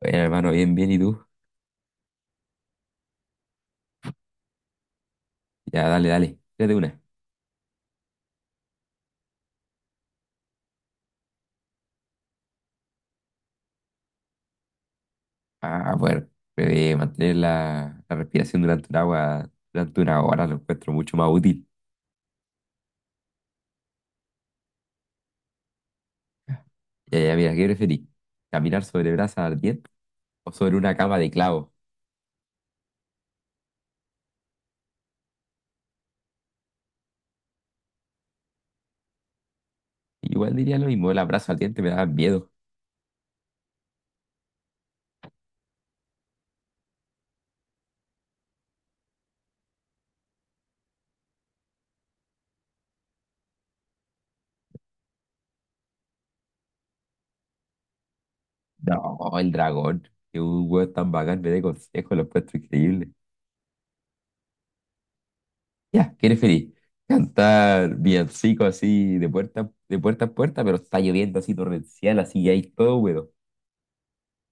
Bueno, hermano, bien, bien, ¿y tú? Ya, dale, dale, tírate una. Ah, bueno mantener la respiración durante un agua, durante una hora lo encuentro mucho más útil. Ya, mira, ¿qué preferís? ¿Caminar sobre brasa ardiente o sobre una cama de clavo? Igual diría lo mismo, las brasa ardiente me daban miedo. No, el dragón, que un huevo tan bacán me dé consejos, lo encuentro increíble. Ya, ¿qué preferís? Cantar villancico así de puerta a puerta, pero está lloviendo así torrencial, así y hay todo húmedo.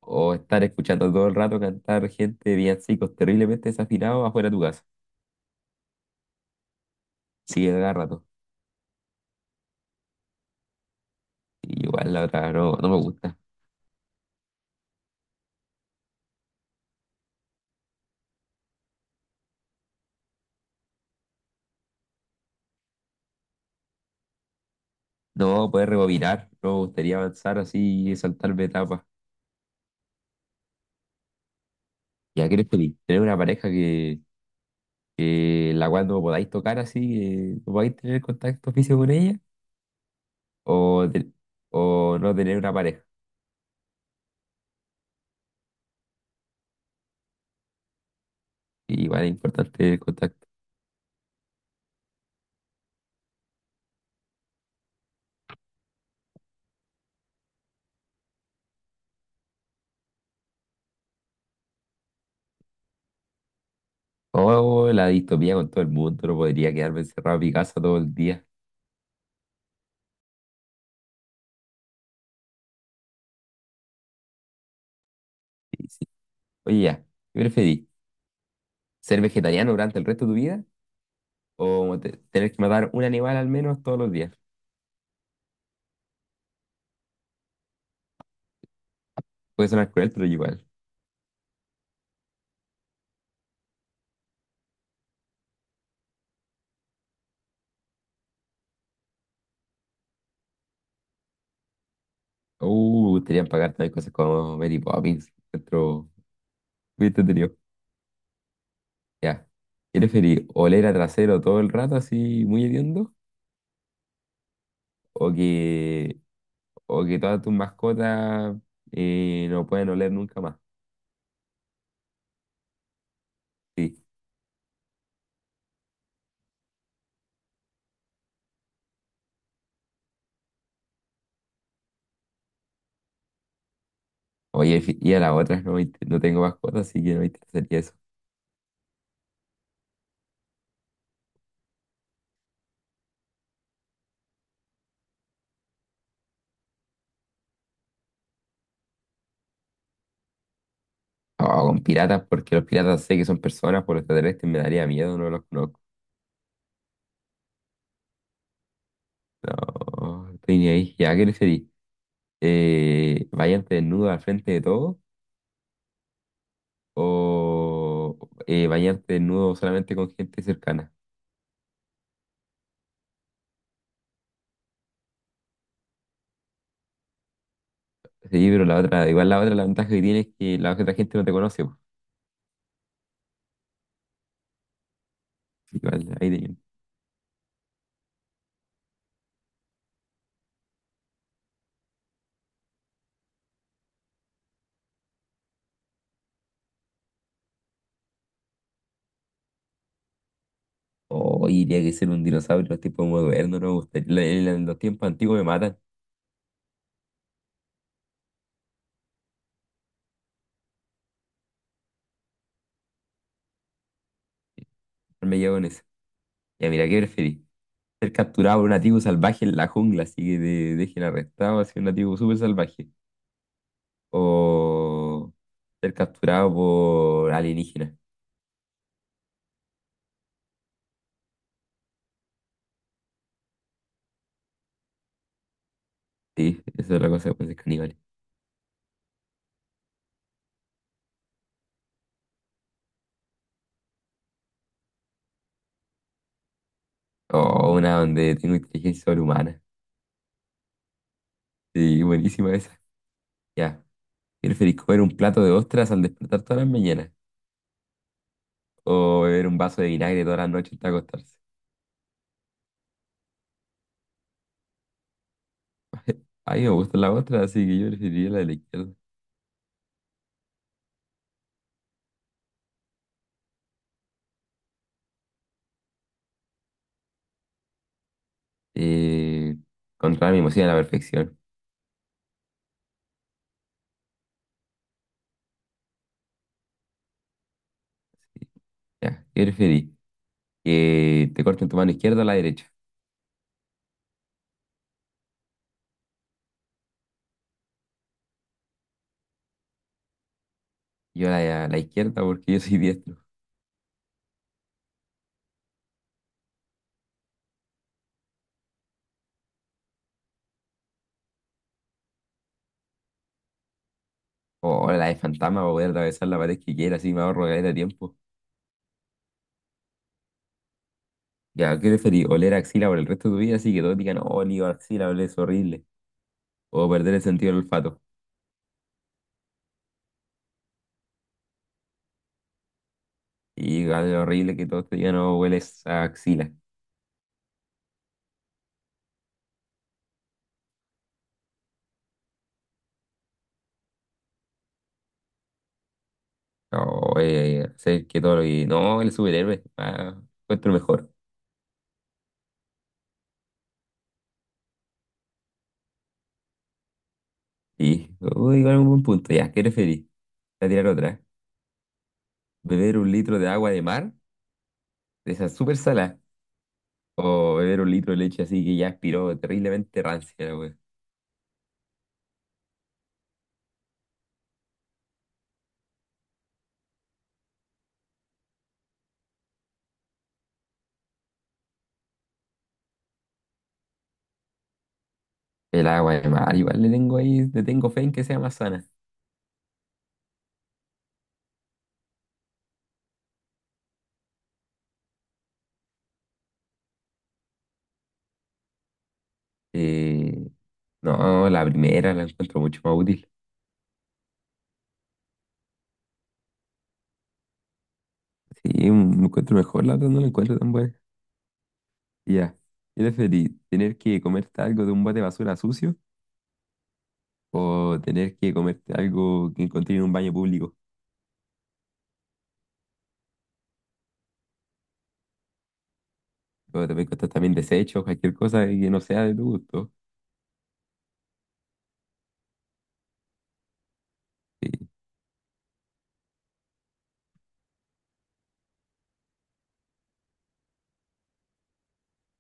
O estar escuchando todo el rato cantar gente de villancicos terriblemente desafinados afuera de tu casa. Sí, a cada rato. Y igual la otra no, no me gusta. No poder rebobinar, no me gustaría avanzar así y saltarme etapas. ¿Ya quieres feliz? Tener una pareja que la cual no podáis tocar así, que no podáis tener contacto físico con ella, o, o no tener una pareja. Igual es importante el contacto. O la distopía con todo el mundo, no podría quedarme encerrado en mi casa todo el día. Sí, sí. Oye, ya, ¿qué preferís? ¿Ser vegetariano durante el resto de tu vida? ¿O tener que matar un animal al menos todos los días? Puede sonar cruel, pero igual. Gustaría pagar también cosas como Mary Poppins. Otro muy entretenido. Ya. ¿Qué preferís? ¿Oler a trasero todo el rato así muy hediondo? ¿O que, o que todas tus mascotas no pueden oler nunca más? Sí. Oye, y a las otras no, me no tengo mascotas, así que no me interesaría eso. O con piratas, porque los piratas sé que son personas, por los extraterrestres me daría miedo, no los conozco. No, estoy ni ahí. Ya, ¿qué preferís? ¿Bañarte desnudo al frente de todo o bañarte desnudo solamente con gente cercana? Sí, pero la otra, igual la otra, la ventaja que tiene es que la otra gente no te conoce, po. Igual, ahí tenía. Oh, diría que ser un dinosaurio en los tiempos modernos, no me gustaría. En en los tiempos antiguos me matan, no me llevo con eso. Ya, mira, ¿qué preferís? Ser capturado por un nativo salvaje en la jungla, así que te dejen arrestado, así un nativo súper salvaje, o ser capturado por alienígenas. Sí, eso es la cosa con ser caníbales. O una donde tengo inteligencia sobrehumana. Sí, buenísima esa. Ya. ¿Preferís comer un plato de ostras al despertar todas las mañanas? ¿O beber un vaso de vinagre todas las noches hasta acostarse? A mí me gustan las ostras, así que yo preferiría la de la izquierda. Eh, controlar mi emoción a la perfección. Ya. ¿Qué preferís? ¿Que te corten tu mano izquierda o la derecha? Yo la, la izquierda porque yo soy diestro. O la de fantasma para poder atravesar la pared que quiera, así me ahorro caleta de tiempo. Ya, ¿qué preferís? ¿Oler axila por el resto de tu vida? Así que todos digan, oh, olí axila, huele es horrible. O perder el sentido del olfato. Y algo horrible que todos te digan, no, hueles a axila. O hacer que todo lo que no, el superhéroe. Ah, encuentro mejor. Y, uy, igual un buen punto. Ya, ¿qué preferís? Voy a tirar otra. ¿Beber un litro de agua de mar? De esa súper salada. O beber un litro de leche así que ya aspiró terriblemente rancia. El agua de mar, igual le tengo ahí, le tengo fe en que sea más sana. Eh, no, la primera la encuentro mucho más útil. Sí, me encuentro mejor, la otra no la encuentro tan buena. Ya, ¿qué preferís? ¿Tener que comerte algo de un bote de basura sucio o tener que comerte algo que encontré en un baño público? O te puede costar también desechos, cualquier cosa que no sea de tu gusto. Sí,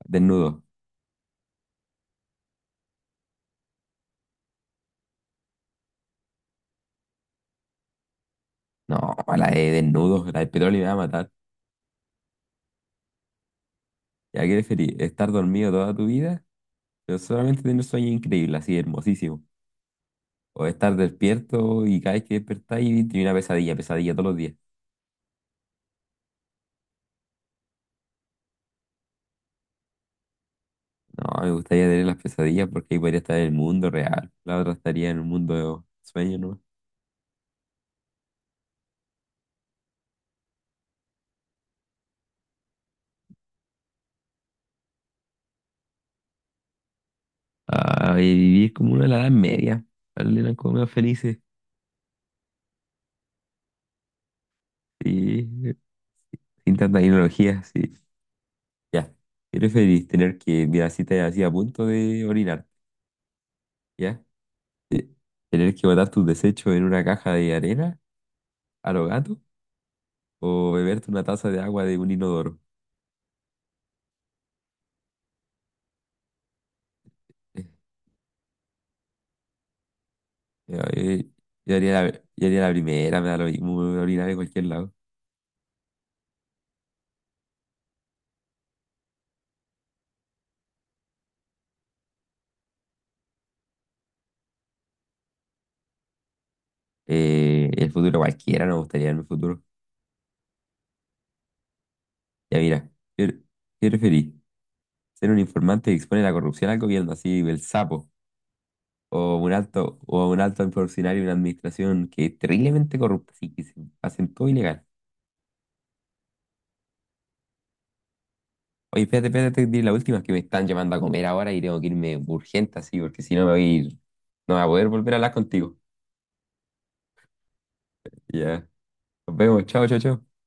desnudo. No, la de desnudo, la de petróleo me va a matar. ¿Ya qué preferís? ¿Estar dormido toda tu vida, pero solamente tener sueño increíble, así hermosísimo? O estar despierto y cada vez que despertáis tiene una pesadilla, pesadilla todos los días. No, me gustaría tener las pesadillas porque ahí podría estar en el mundo real. La otra estaría en el mundo de sueños, ¿no? Ah, y vivir como una de la Edad Media. Dale, eran como más felices. Sí, sin tanta tecnología, sí. Ya. ¿Qué preferís? Tener que, mira, si te así a punto de orinar, ¿ya? Tener que botar tus desechos en una caja de arena a los gatos o beberte una taza de agua de un inodoro. Yo, yo- yo haría la, yo haría la primera, me da lo mismo, me voy a orinar en cualquier lado. El futuro cualquiera, no me gustaría en el futuro. Ya mira, ¿qué, ¿qué preferís? ¿Ser un informante que expone la corrupción al gobierno, así el sapo? O un alto funcionario de una administración que es terriblemente corrupta, así que se hacen todo ilegal? Oye, espérate, espérate, te diré la última, que me están llamando a comer ahora y tengo que irme urgente así, porque si no me voy a ir, no voy a poder volver a hablar contigo. Ya, nos vemos, chao, chao, chao.